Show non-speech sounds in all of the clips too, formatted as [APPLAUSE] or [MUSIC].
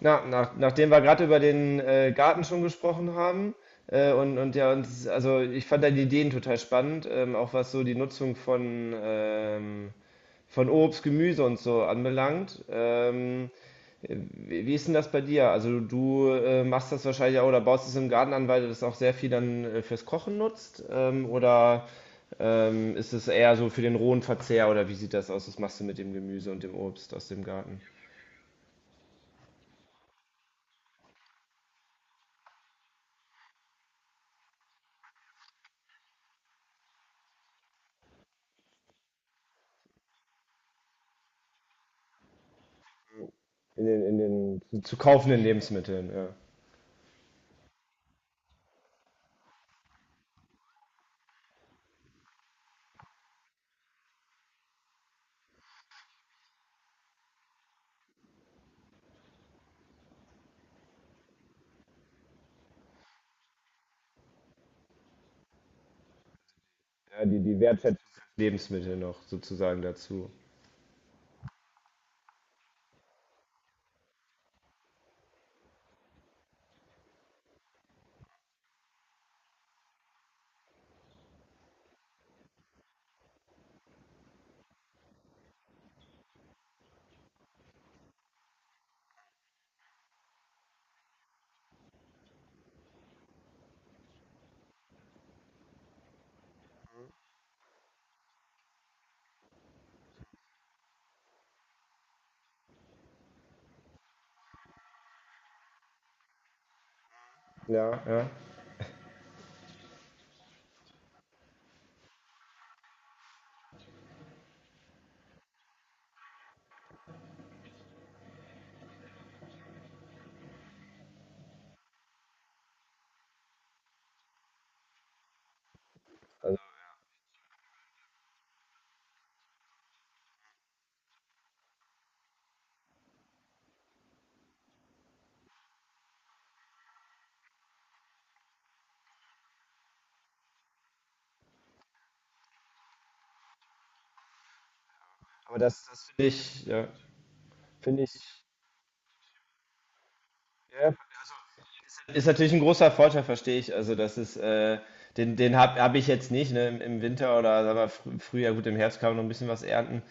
Nachdem wir gerade über den Garten schon gesprochen haben, und ja, also ich fand deine Ideen total spannend, auch was so die Nutzung von von Obst, Gemüse und so anbelangt. Wie ist denn das bei dir? Also du machst das wahrscheinlich auch oder baust es im Garten an, weil du das auch sehr viel dann fürs Kochen nutzt? Oder ist es eher so für den rohen Verzehr oder wie sieht das aus? Was machst du mit dem Gemüse und dem Obst aus dem Garten? In den zu kaufenden Lebensmitteln, ja. Ja, die Wertschätzung des Lebensmittels noch sozusagen dazu. Ja, ja. Also, aber das, das finde ich, ja, ist natürlich ein großer Vorteil, verstehe ich. Also, das ist, den hab ich jetzt nicht, ne? Im Winter oder sagen wir, fr früher, gut, im Herbst kann man noch ein bisschen was ernten,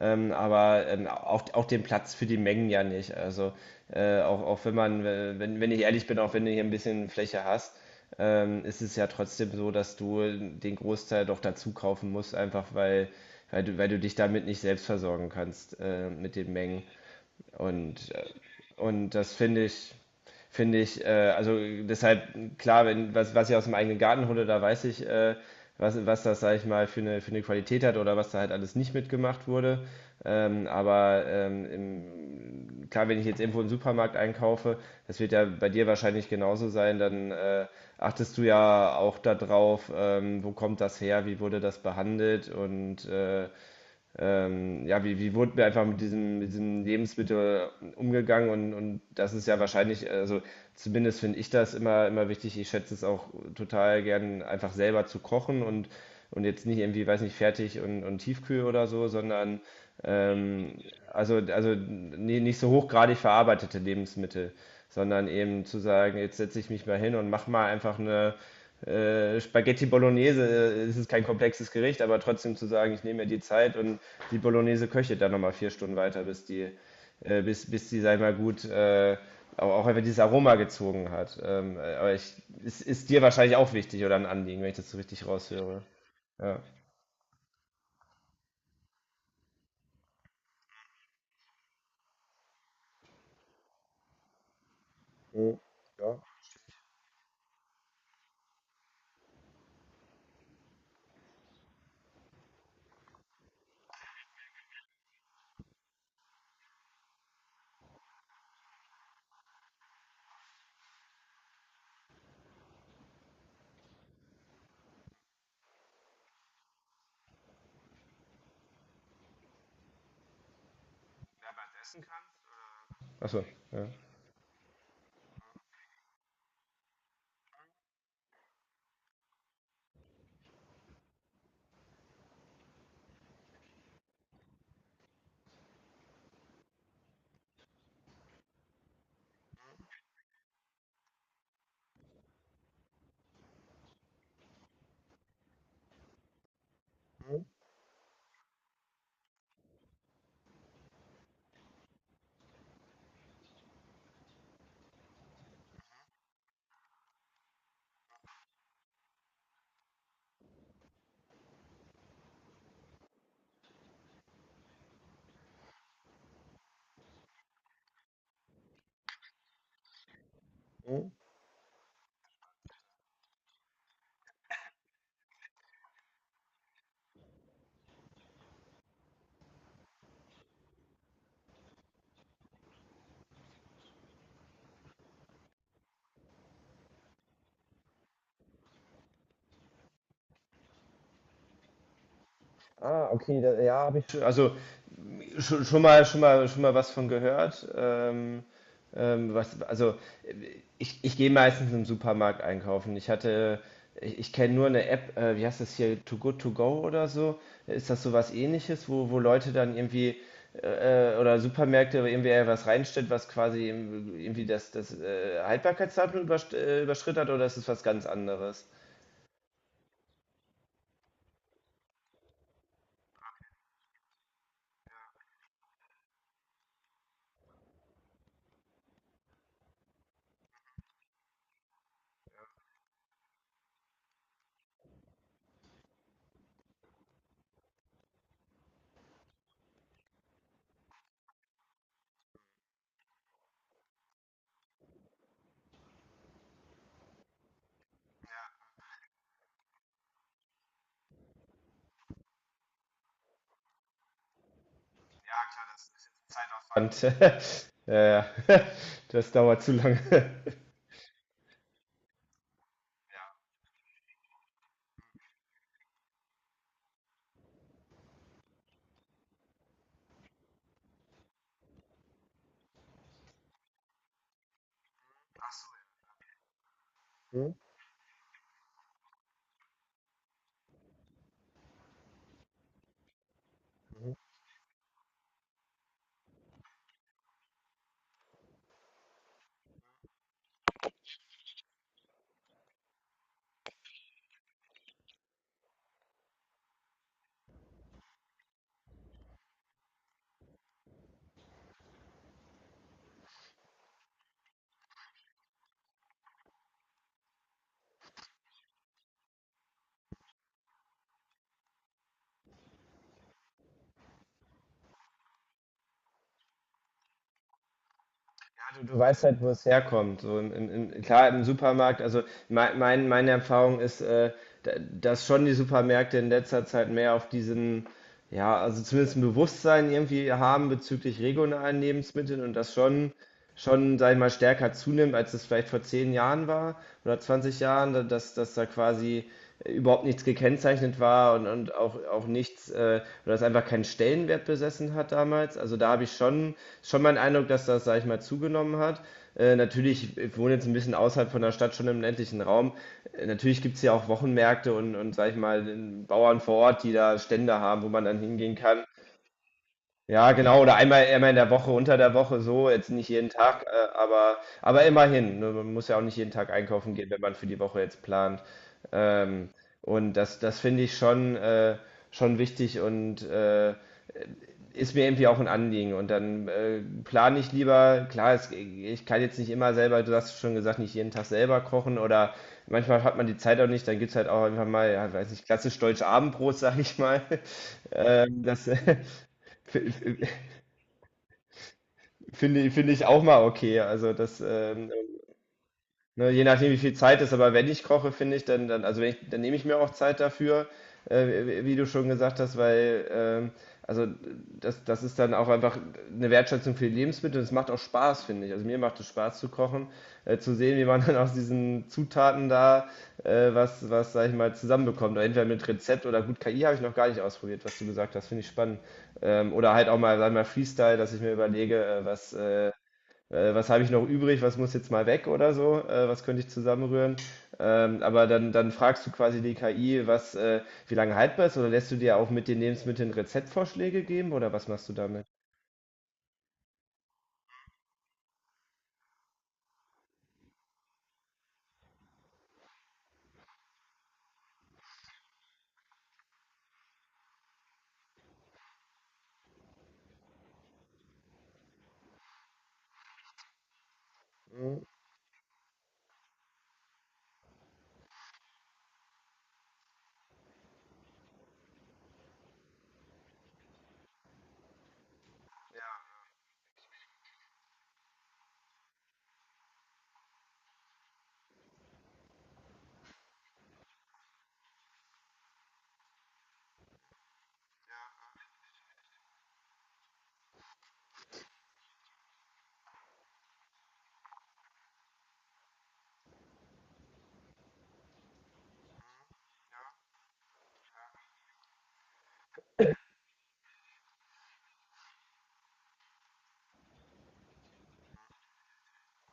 aber auch, auch den Platz für die Mengen ja nicht. Also, auch wenn wenn ich ehrlich bin, auch wenn du hier ein bisschen Fläche hast, ist es ja trotzdem so, dass du den Großteil doch dazu kaufen musst, einfach weil, weil du dich damit nicht selbst versorgen kannst, mit den Mengen. Und, äh, und das finde ich finde ich, also deshalb, klar, wenn, was, was ich aus dem eigenen Garten hole, da weiß ich, was das, sage ich mal, für eine Qualität hat oder was da halt alles nicht mitgemacht wurde. Klar, wenn ich jetzt irgendwo im Supermarkt einkaufe, das wird ja bei dir wahrscheinlich genauso sein, dann achtest du ja auch darauf, wo kommt das her, wie wurde das behandelt und wie wurde mir einfach mit diesem Lebensmittel umgegangen und das ist ja wahrscheinlich, also zumindest finde ich das immer, immer wichtig. Ich schätze es auch total gern, einfach selber zu kochen und jetzt nicht irgendwie, weiß nicht, fertig und Tiefkühl oder so, sondern ähm, nicht so hochgradig verarbeitete Lebensmittel, sondern eben zu sagen, jetzt setze ich mich mal hin und mach mal einfach eine Spaghetti Bolognese, es ist kein komplexes Gericht, aber trotzdem zu sagen, ich nehme mir die Zeit und die Bolognese köchelt dann nochmal vier Stunden weiter, bis die, bis, bis die, sag ich mal, auch einfach dieses Aroma gezogen hat. Es ist dir wahrscheinlich auch wichtig oder ein Anliegen, wenn ich das so richtig raushöre. Ja. Mhm. Ja. Achso, ja. Mhm. Mhm. Ah, okay, da, ja, habe ich schon. Also schon, schon mal, schon mal, schon mal was von gehört. Also ich, ich gehe meistens im Supermarkt einkaufen. Ich hatte, ich kenne nur eine App, wie heißt das hier, Too Good To Go oder so. Ist das sowas ähnliches, wo Leute dann irgendwie oder Supermärkte irgendwie was reinstellt, was quasi irgendwie das Haltbarkeitsdatum überschritten hat oder ist es was ganz anderes? Und, [LAUGHS] ja, ja. [LAUGHS] Das dauert zu lange. [LAUGHS] Ja, du weißt halt, wo es herkommt. So klar, im Supermarkt, also mein, meine Erfahrung ist, da- dass schon die Supermärkte in letzter Zeit mehr auf diesen, ja, also zumindest ein Bewusstsein irgendwie haben bezüglich regionalen Lebensmitteln und das schon, sag ich mal, stärker zunimmt, als es vielleicht vor 10 Jahren war oder 20 Jahren, dass da quasi überhaupt nichts gekennzeichnet war und auch, auch nichts, oder es einfach keinen Stellenwert besessen hat damals. Also da habe ich schon, schon meinen Eindruck, dass das, sag ich mal, zugenommen hat. Natürlich, ich wohne jetzt ein bisschen außerhalb von der Stadt, schon im ländlichen Raum. Natürlich gibt es ja auch Wochenmärkte und, sag ich mal, den Bauern vor Ort, die da Stände haben, wo man dann hingehen kann, ja, genau, oder einmal in der Woche, unter der Woche so, jetzt nicht jeden Tag, aber immerhin. Ne, man muss ja auch nicht jeden Tag einkaufen gehen, wenn man für die Woche jetzt plant. Ähm, und das, das finde ich schon wichtig und ist mir irgendwie auch ein Anliegen. Und dann plane ich lieber, klar, es, ich kann jetzt nicht immer selber, du hast schon gesagt, nicht jeden Tag selber kochen oder manchmal hat man die Zeit auch nicht, dann gibt es halt auch einfach mal, ja, weiß nicht, klassisch deutsch Abendbrot, sag ich mal. [LAUGHS] Ähm, das, [LAUGHS] Finde finde ich auch mal okay. Also das, ne, je nachdem, wie viel Zeit ist, aber wenn ich koche, finde ich, dann, dann, also wenn ich, dann nehme ich mir auch Zeit dafür, wie wie du schon gesagt hast, weil, also das, das ist dann auch einfach eine Wertschätzung für die Lebensmittel und es macht auch Spaß, finde ich. Also mir macht es Spaß zu kochen, zu sehen, wie man [LAUGHS] dann aus diesen Zutaten da was, sag ich mal, zusammenbekommt. Oder entweder mit Rezept oder gut, KI habe ich noch gar nicht ausprobiert, was du gesagt hast, finde ich spannend. Oder halt auch mal, sag ich mal, Freestyle, dass ich mir überlege, was habe ich noch übrig, was muss jetzt mal weg oder so, was könnte ich zusammenrühren. Aber dann, dann fragst du quasi die KI, wie lange haltbar ist, oder lässt du dir auch mit den Lebensmitteln Rezeptvorschläge geben oder was machst du damit?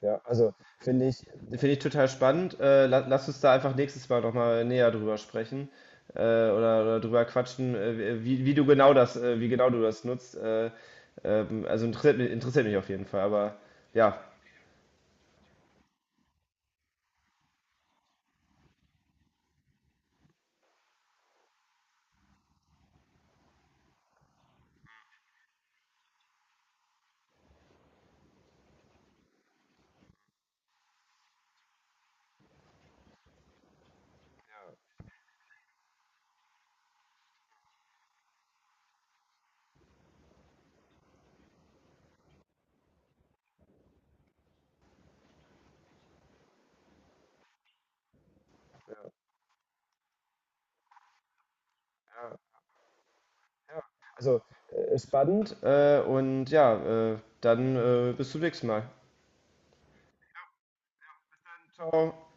Ja, also finde ich, Finde ich total spannend. La Lass uns da einfach nächstes Mal nochmal näher drüber sprechen, oder drüber quatschen, wie du genau wie genau du das nutzt. Also interessiert mich auf jeden Fall, aber ja. Also, ist spannend und ja, dann bis zum nächsten Mal. Ciao.